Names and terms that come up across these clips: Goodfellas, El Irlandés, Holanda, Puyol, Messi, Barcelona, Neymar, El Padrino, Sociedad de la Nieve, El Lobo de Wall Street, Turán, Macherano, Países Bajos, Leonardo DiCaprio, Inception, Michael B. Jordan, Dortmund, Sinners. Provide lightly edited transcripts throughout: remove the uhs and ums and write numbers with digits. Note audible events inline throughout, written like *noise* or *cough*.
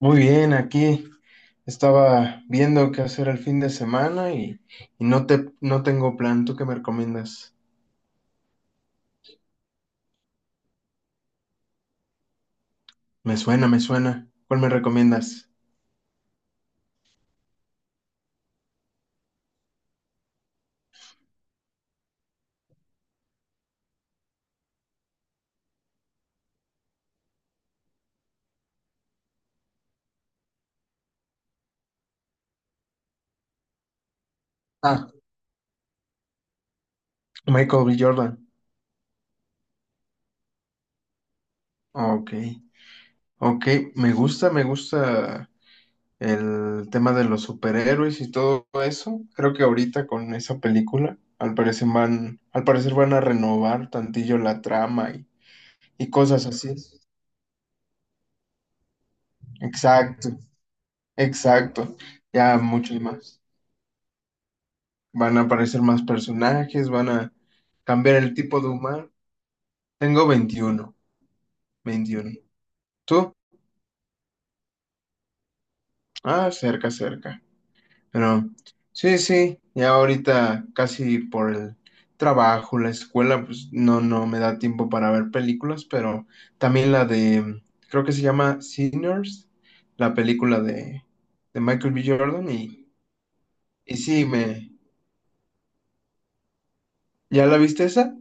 Muy bien, aquí estaba viendo qué hacer el fin de semana y no tengo plan. ¿Tú qué me recomiendas? Me suena, me suena. ¿Cuál me recomiendas? Ah, Michael B. Jordan. Ah, ok, ok, me gusta el tema de los superhéroes y todo eso. Creo que ahorita con esa película, al parecer van a renovar tantillo la trama y cosas así. Exacto, exacto. Ya mucho y más. Van a aparecer más personajes, van a cambiar el tipo de humano. Tengo 21, 21. ¿Tú? Ah, cerca, cerca. Pero sí, sí, ya ahorita casi por el trabajo, la escuela, pues no, no me da tiempo para ver películas. Pero también creo que se llama Sinners, la película de Michael B. Jordan, y sí, ¿ya la viste esa?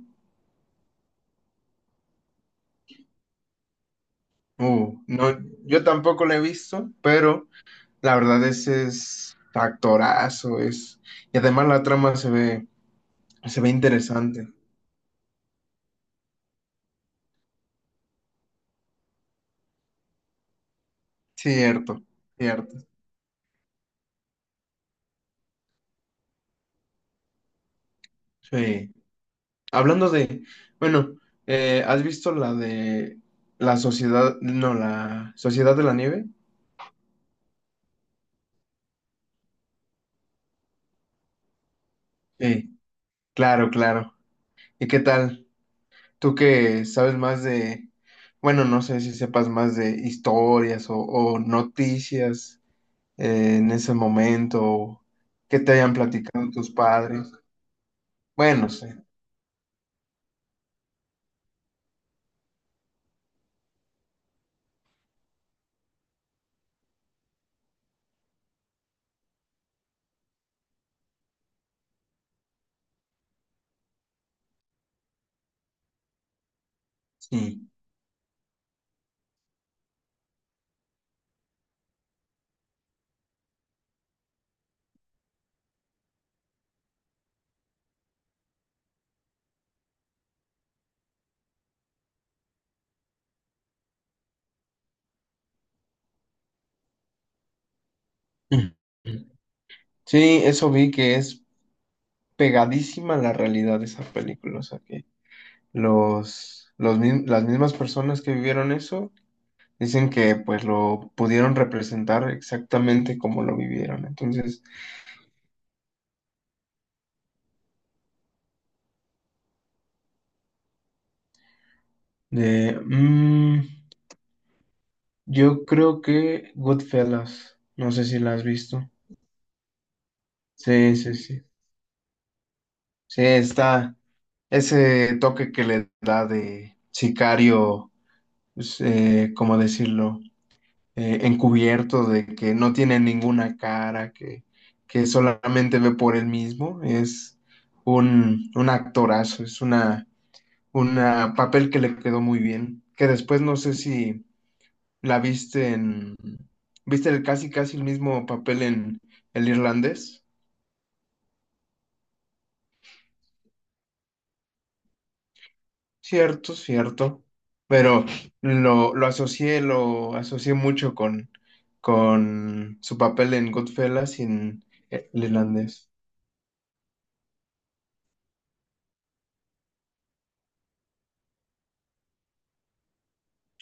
No, yo tampoco la he visto, pero la verdad, ese es factorazo, es. Y además la trama se ve interesante. Cierto, cierto. Sí. Hablando de, bueno, ¿has visto la de la sociedad, no, la Sociedad de la Nieve? Sí, claro, claro. ¿Y qué tal? Tú que sabes más de, bueno, no sé si sepas más de historias o noticias en ese momento, o que te hayan platicado tus padres. Bueno, sí. Sí. Ujú. Sí, eso vi que es pegadísima a la realidad de esa película, o sea que las mismas personas que vivieron eso dicen que pues lo pudieron representar exactamente como lo vivieron. Entonces, de, mm, yo creo que Goodfellas, no sé si la has visto. Sí, sí, sí. Sí, está ese toque que le da de sicario, pues, ¿cómo decirlo? Encubierto, de que no tiene ninguna cara, que solamente ve por él mismo. Es un actorazo, es una papel que le quedó muy bien. Que después no sé si la viste en, viste el casi casi el mismo papel en el irlandés. Cierto, cierto. Pero lo asocié mucho con su papel en Goodfellas y en el irlandés.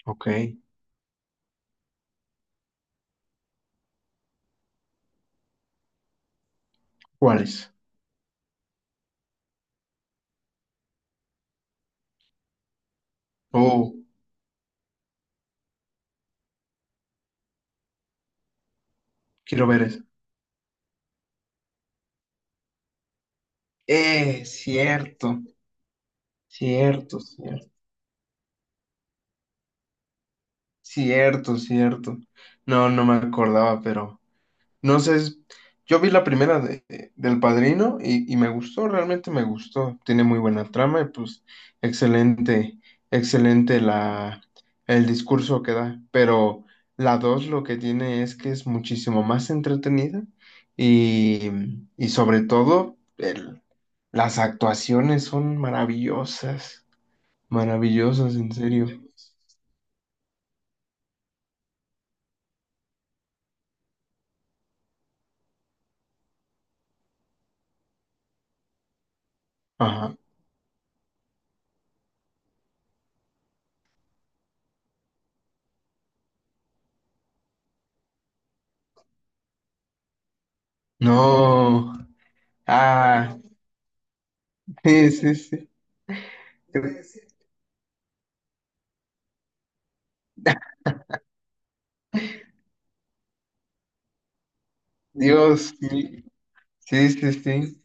Ok. ¿Cuáles? Oh, quiero ver eso. Cierto, cierto, cierto, cierto, cierto. No, no me acordaba, pero no sé. Yo vi la primera del Padrino, y me gustó, realmente me gustó. Tiene muy buena trama y pues excelente, excelente el discurso que da. Pero la dos lo que tiene es que es muchísimo más entretenida y, y sobre todo el, Las actuaciones son maravillosas, maravillosas, en serio. Ajá. No. Ah, *laughs* sí, sí, sí. Dios, sí, sí, sí, sí.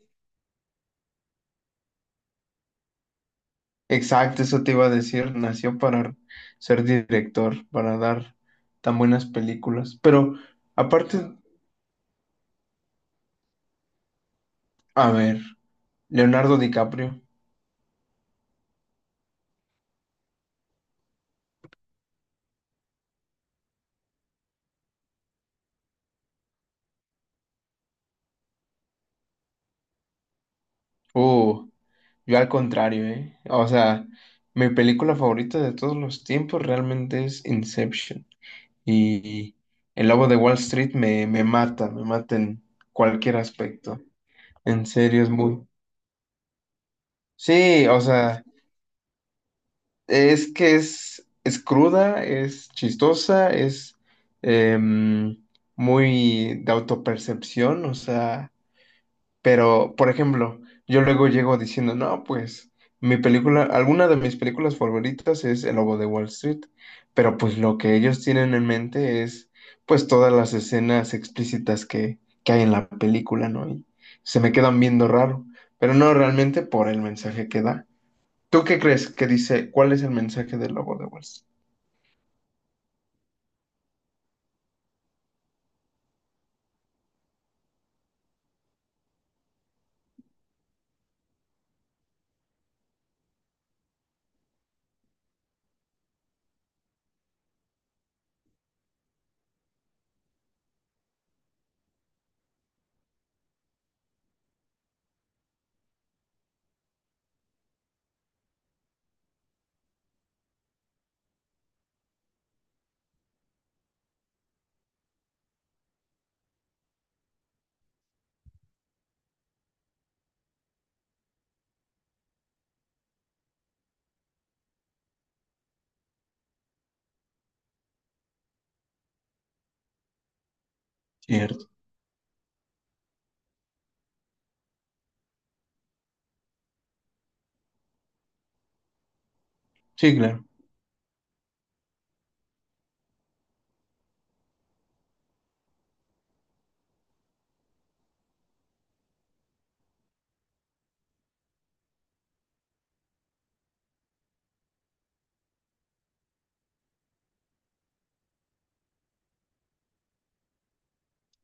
Exacto, eso te iba a decir. Nació para ser director, para dar tan buenas películas. Pero aparte, a ver, Leonardo DiCaprio. Uh, yo al contrario, ¿eh? O sea, mi película favorita de todos los tiempos realmente es Inception. Y el lobo de Wall Street me mata en cualquier aspecto. En serio, es muy. Sí, o sea, es que es cruda, es chistosa, es em, muy de autopercepción, o sea, pero, por ejemplo, yo luego llego diciendo, no, pues mi película, alguna de mis películas favoritas es El Lobo de Wall Street, pero pues lo que ellos tienen en mente es pues todas las escenas explícitas que hay en la película, ¿no? Y se me quedan viendo raro, pero no realmente por el mensaje que da. ¿Tú qué crees que dice? ¿Cuál es el mensaje del Lobo de Wall Street? Cierto. Sí, claro.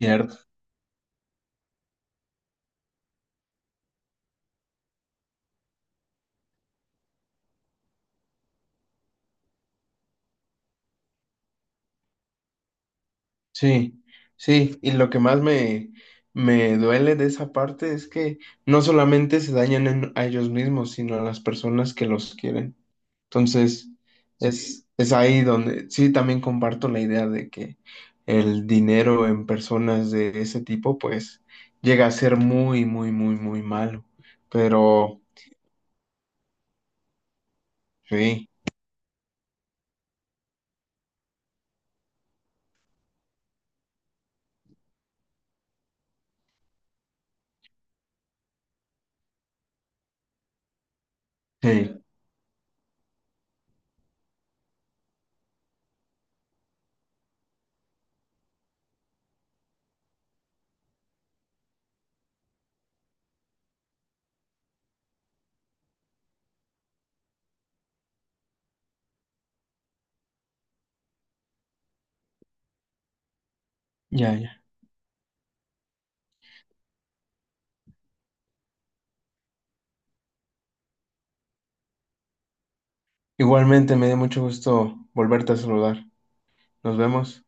Cierto. Sí, sí, y lo que más me duele de esa parte es que no solamente se dañan a ellos mismos, sino a las personas que los quieren. Entonces, es ahí donde sí también comparto la idea de que el dinero en personas de ese tipo, pues, llega a ser muy, muy, muy, muy malo. Pero, sí, sí, ya, ya. Igualmente me dio mucho gusto volverte a saludar. Nos vemos.